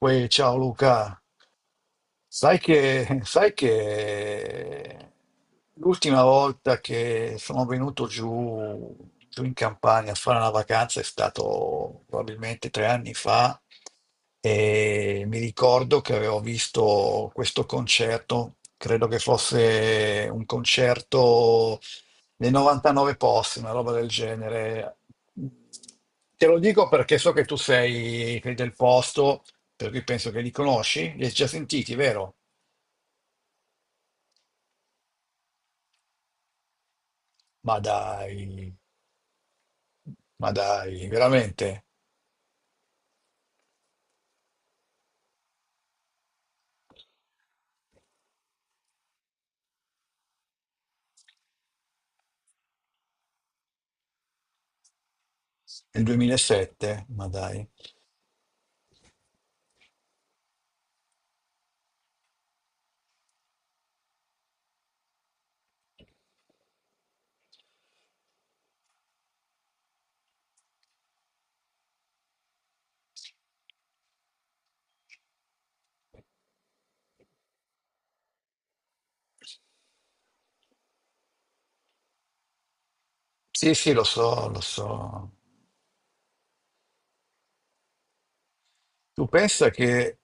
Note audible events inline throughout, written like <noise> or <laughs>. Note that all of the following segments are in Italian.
Poi, ciao Luca, sai che l'ultima volta che sono venuto giù, giù in Campania a fare una vacanza è stato probabilmente 3 anni fa e mi ricordo che avevo visto questo concerto, credo che fosse un concerto nei 99 posti, una roba del genere. Te lo dico perché so che tu sei del posto, per cui penso che li conosci, li hai già sentiti, vero? Ma dai, ma dai, veramente? Nel 2007? Ma dai. Sì, sì, lo so, lo so. Tu pensa che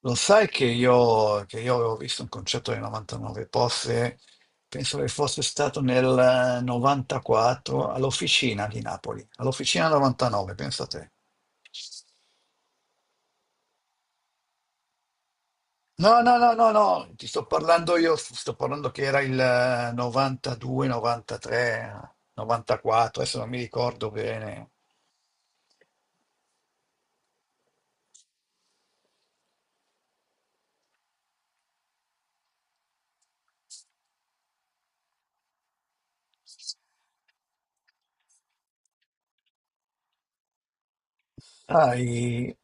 Lo sai che io avevo visto un concerto dei 99 Posse, penso che fosse stato nel 94 all'Officina di Napoli, all'Officina 99, pensa te. No, no, no, no, no, ti sto parlando io, sto parlando che era il 92, 93, 94, adesso non mi ricordo bene. Sai,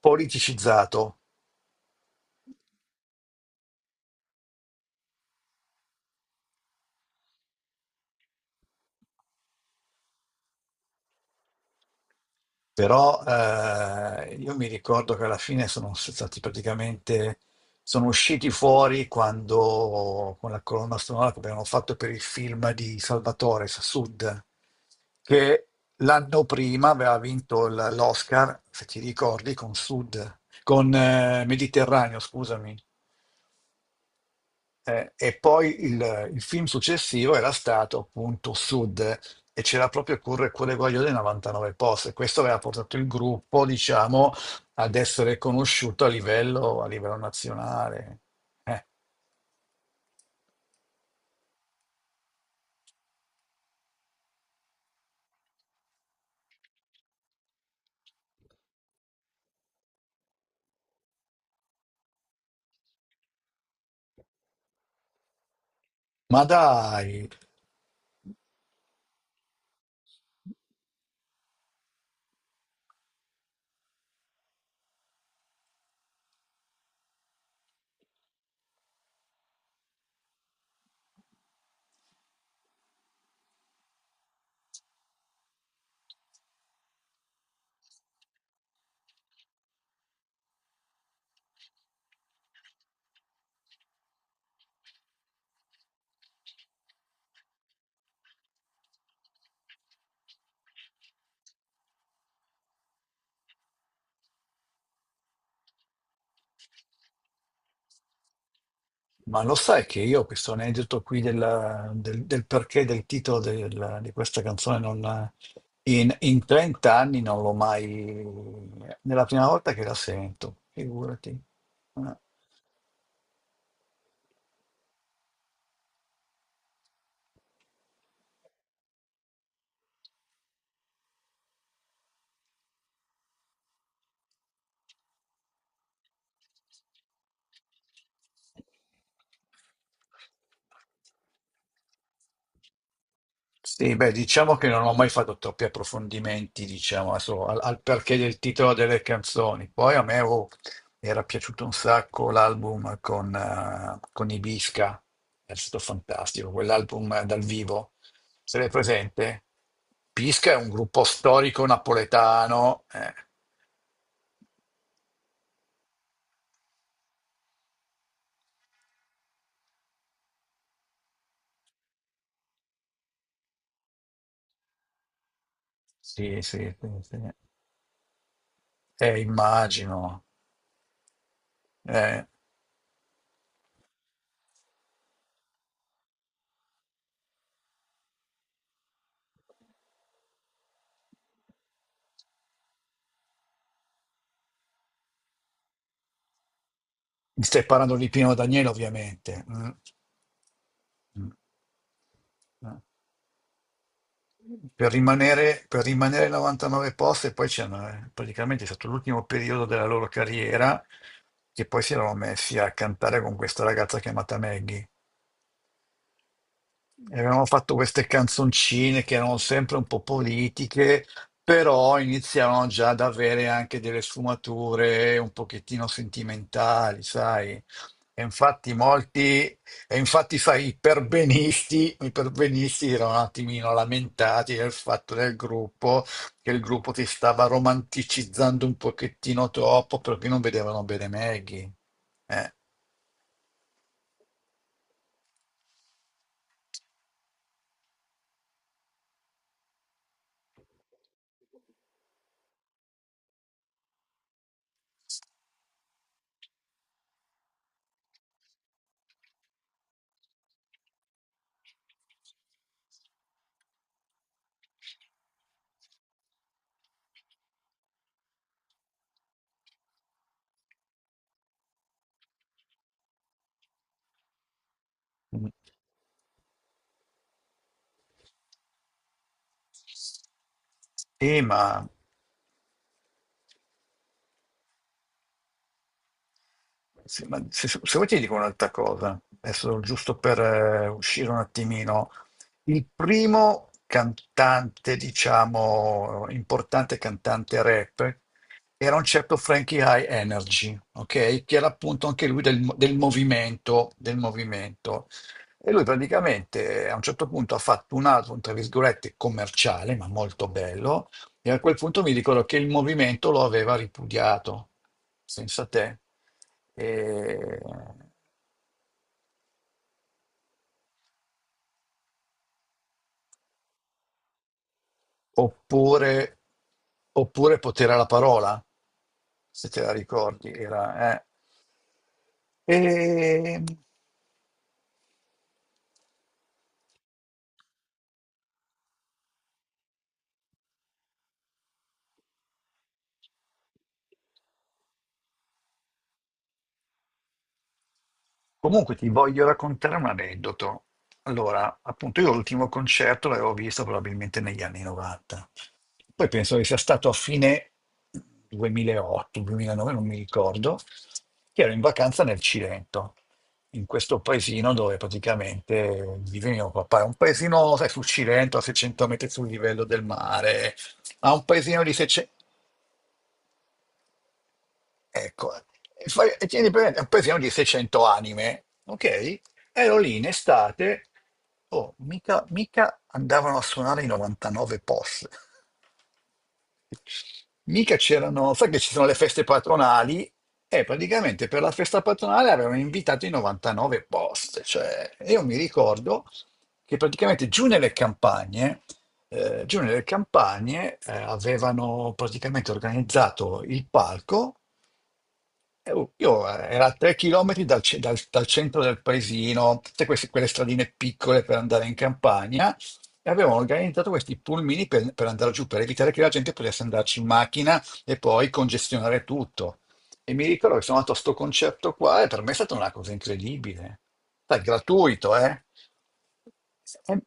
politicizzato. Però io mi ricordo che alla fine sono stati praticamente, sono usciti fuori quando, con la colonna sonora che abbiamo fatto per il film di Salvatore Sud, che l'anno prima aveva vinto l'Oscar, se ti ricordi, con Sud, con Mediterraneo, scusami. E poi il film successivo era stato appunto Sud e c'era proprio Curre Cuore Guaglio dei 99 post. E questo aveva portato il gruppo, diciamo, ad essere conosciuto a livello nazionale. Eh, ma dai, ma lo sai che io questo aneddoto qui del perché del titolo di questa canzone non, in 30 anni non l'ho mai. Nella prima volta che la sento, figurati. Eh. Sì, beh, diciamo che non ho mai fatto troppi approfondimenti, diciamo, adesso al perché del titolo delle canzoni. Poi a me oh, era piaciuto un sacco l'album con Ibisca, è stato fantastico, quell'album dal vivo. Se l'hai presente? Pisca è un gruppo storico napoletano. Sì, sì, sì, sì. Immagino. Eh. Stai parlando di Pino Daniele, ovviamente. Mm. Mm. Mm. Per rimanere 99 posti, e poi c'è praticamente è stato l'ultimo periodo della loro carriera, che poi si erano messi a cantare con questa ragazza chiamata Maggie. E avevamo fatto queste canzoncine che erano sempre un po' politiche, però iniziavano già ad avere anche delle sfumature un pochettino sentimentali, sai? E infatti, sai, i perbenisti erano un attimino lamentati del fatto del gruppo, che il gruppo si stava romanticizzando un pochettino troppo perché non vedevano bene Maggie. Eh. Mm. Sì, ma se vuoi ti dico un'altra cosa, adesso giusto per uscire un attimino. Il primo cantante, diciamo, importante cantante rap era un certo Frankie High Energy, ok? Che era appunto anche lui del movimento, del movimento. E lui praticamente a un certo punto ha fatto un album, tra virgolette, commerciale, ma molto bello, e a quel punto mi ricordo che il movimento lo aveva ripudiato, senza te. E- Oppure, oppure potere alla parola, se te la ricordi, era... E... Comunque ti voglio raccontare un aneddoto. Allora, appunto, io l'ultimo concerto l'avevo visto probabilmente negli anni 90. Poi penso che sia stato a fine 2008, 2009, non mi ricordo, che ero in vacanza nel Cilento, in questo paesino dove praticamente vive mio papà. È un paesino, sai, sul Cilento, a 600 metri sul livello del mare, ha un paesino di 600. Ecco, e tieni presente, poi siamo di 600 anime, ok? Ero lì in estate, oh, mica, mica andavano a suonare i 99 POS, mica c'erano, sai che ci sono le feste patronali, e praticamente per la festa patronale avevano invitato i 99 POS, cioè io mi ricordo che praticamente giù nelle campagne avevano praticamente organizzato il palco oh, io era a 3 chilometri dal centro del paesino, tutte queste, quelle stradine piccole per andare in campagna, e avevano organizzato questi pulmini per, andare giù, per evitare che la gente potesse andarci in macchina e poi congestionare tutto. E mi ricordo che sono andato a sto concerto qua e per me è stata una cosa incredibile. Sai, gratuito, eh? E-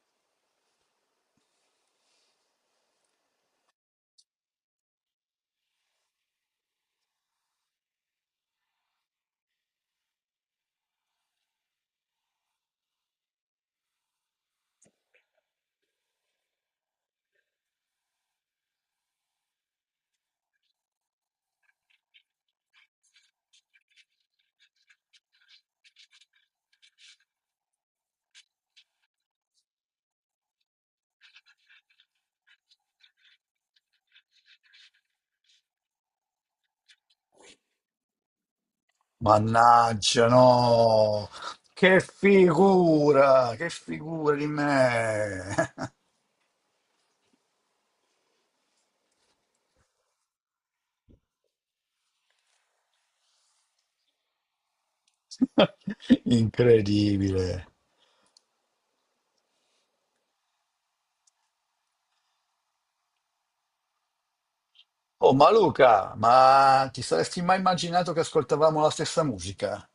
Mannaggia, no! Che figura di me! <laughs> <laughs> Incredibile. Oh, ma Luca, ma ti saresti mai immaginato che ascoltavamo la stessa musica?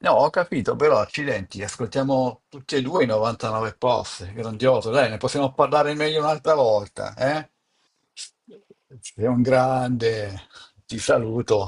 No, ho capito, però accidenti, ascoltiamo tutti e due i 99 post, grandioso, dai, ne possiamo parlare meglio un'altra volta, eh? Sei un grande, ti saluto.